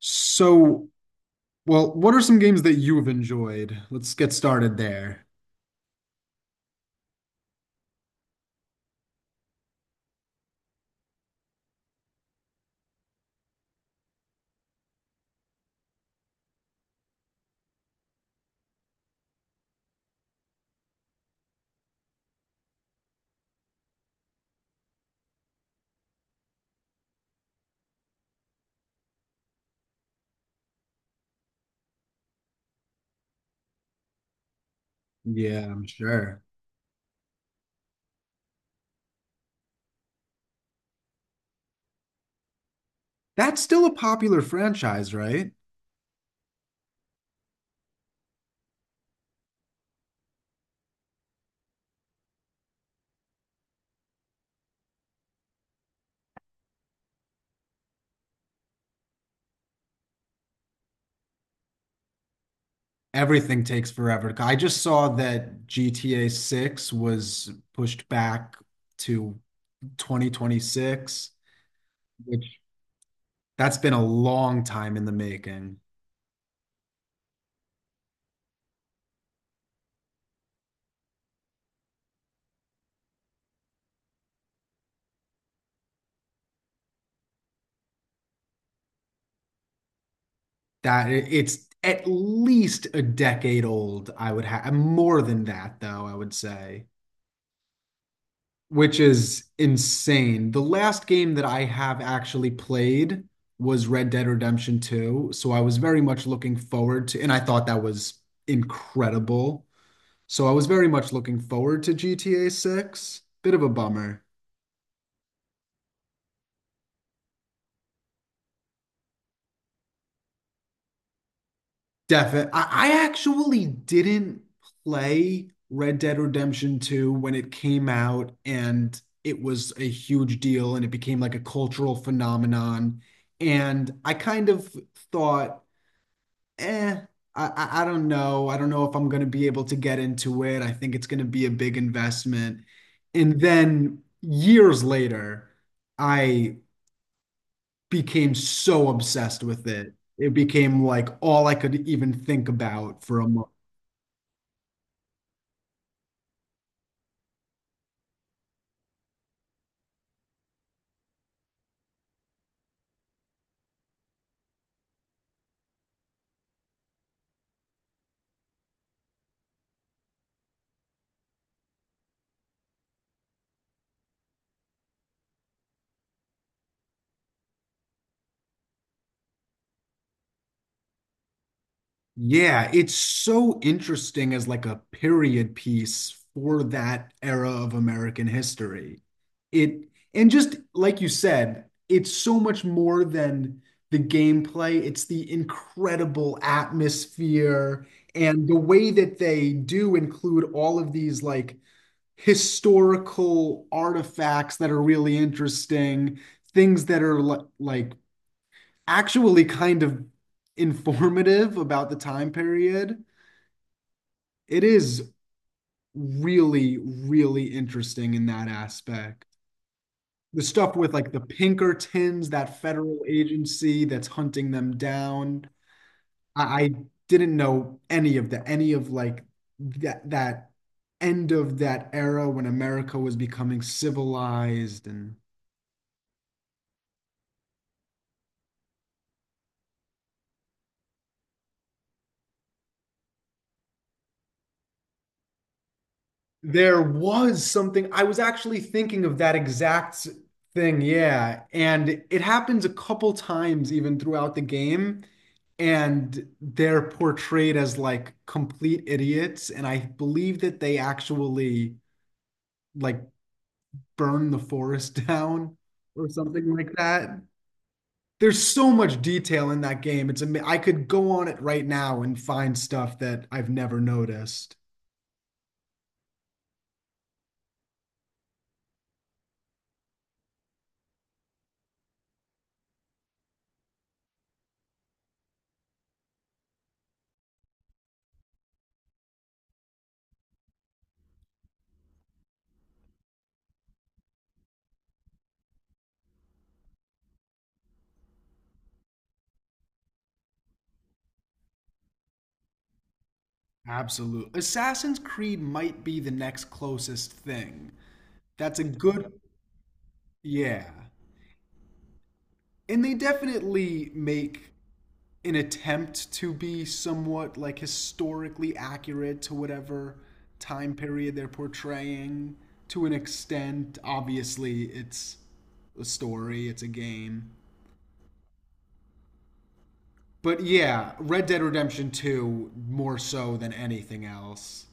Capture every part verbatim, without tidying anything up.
So, well, what are some games that you've enjoyed? Let's get started there. Yeah, I'm sure. That's still a popular franchise, right? Everything takes forever. I just saw that G T A six was pushed back to twenty twenty-six, which that's been a long time in the making. That it's at least a decade old, I would have more than that though, I would say. Which is insane. The last game that I have actually played was Red Dead Redemption two, so I was very much looking forward to, and I thought that was incredible. So I was very much looking forward to G T A six. Bit of a bummer. Definitely. I, I actually didn't play Red Dead Redemption two when it came out, and it was a huge deal, and it became like a cultural phenomenon. And I kind of thought eh, I, I I don't know. I don't know if I'm going to be able to get into it. I think it's going to be a big investment. And then years later, I became so obsessed with it. It became like all I could even think about for a month. Yeah, it's so interesting as like a period piece for that era of American history. It and just like you said, it's so much more than the gameplay. It's the incredible atmosphere and the way that they do include all of these like historical artifacts that are really interesting, things that are li- like actually kind of informative about the time period. It is really, really interesting in that aspect. The stuff with like the Pinkertons, that federal agency that's hunting them down. I, I didn't know any of the any of like that that end of that era when America was becoming civilized and. There was something, I was actually thinking of that exact thing, yeah. And it happens a couple times even throughout the game, and they're portrayed as like complete idiots. And I believe that they actually like burn the forest down or something like that. There's so much detail in that game. It's ama- I could go on it right now and find stuff that I've never noticed. Absolutely. Assassin's Creed might be the next closest thing. That's a good, yeah. And they definitely make an attempt to be somewhat like historically accurate to whatever time period they're portraying to an extent. Obviously, it's a story, it's a game. But yeah, Red Dead Redemption two more so than anything else.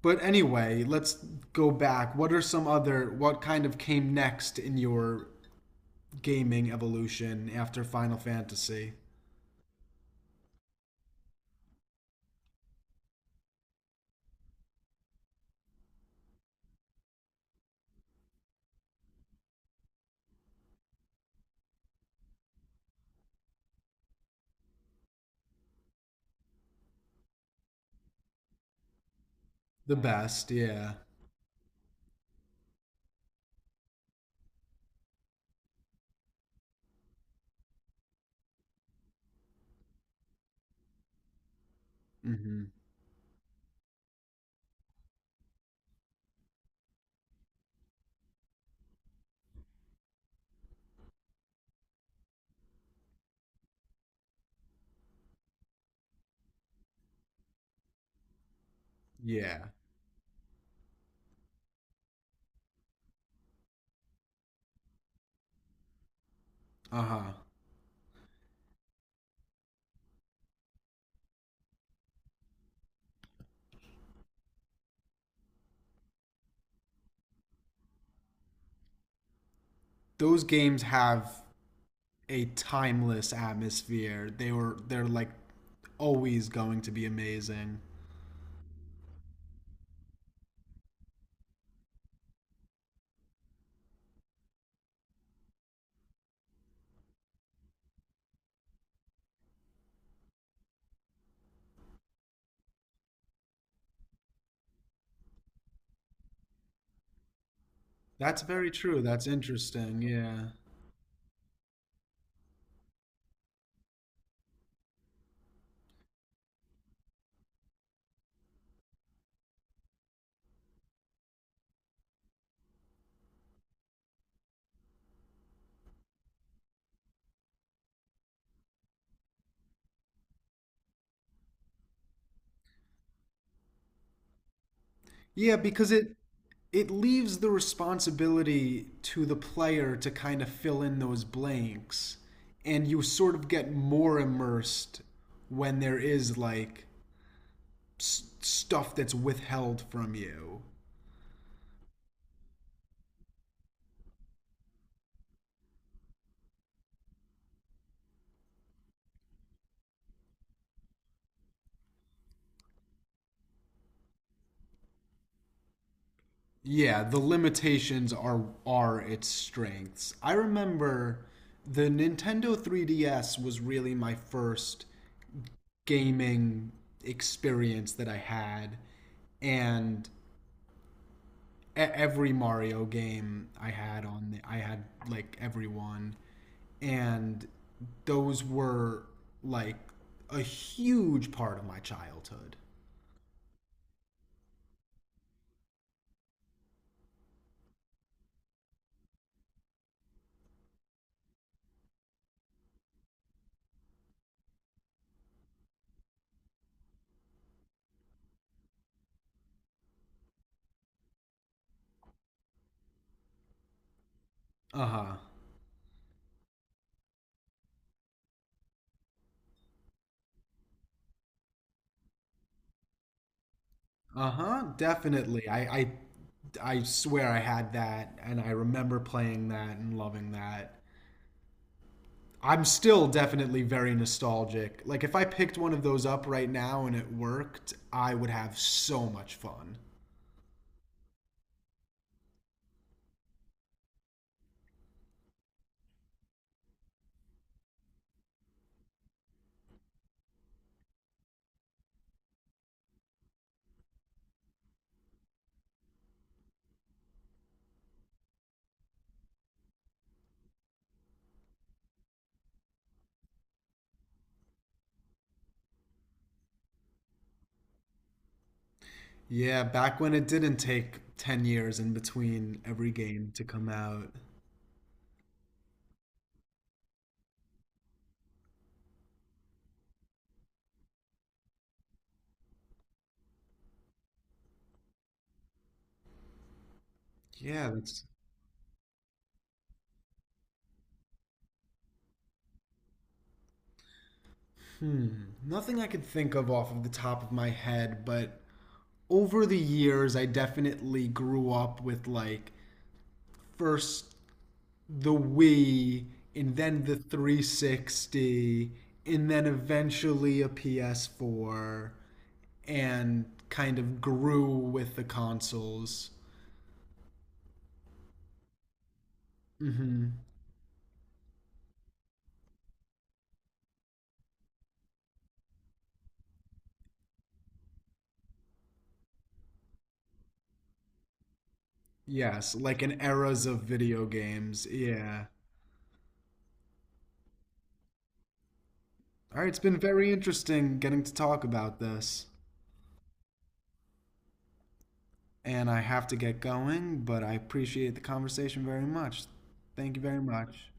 But anyway, let's go back. What are some other what kind of came next in your gaming evolution after Final Fantasy? The best, yeah. Hmm. Yeah. Uh-huh. Those games have a timeless atmosphere. They were they're like always going to be amazing. That's very true. That's interesting. Yeah. Yeah, because it it leaves the responsibility to the player to kind of fill in those blanks, and you sort of get more immersed when there is like s- stuff that's withheld from you. Yeah, the limitations are are its strengths. I remember the Nintendo three D S was really my first gaming experience that I had, and e- every Mario game I had on the, I had like every one, and those were like a huge part of my childhood. Uh huh. Uh huh. Definitely. I, I I swear I had that, and I remember playing that and loving that. I'm still definitely very nostalgic. Like if I picked one of those up right now and it worked, I would have so much fun. Yeah, back when it didn't take ten years in between every game to come out. Yeah, that's nothing I could think of off of the top of my head, but over the years, I definitely grew up with like first the Wii and then the three sixty and then eventually a P S four and kind of grew with the consoles. Hmm. Yes, like in eras of video games. Yeah. All right, it's been very interesting getting to talk about this, and I have to get going, but I appreciate the conversation very much. Thank you very much.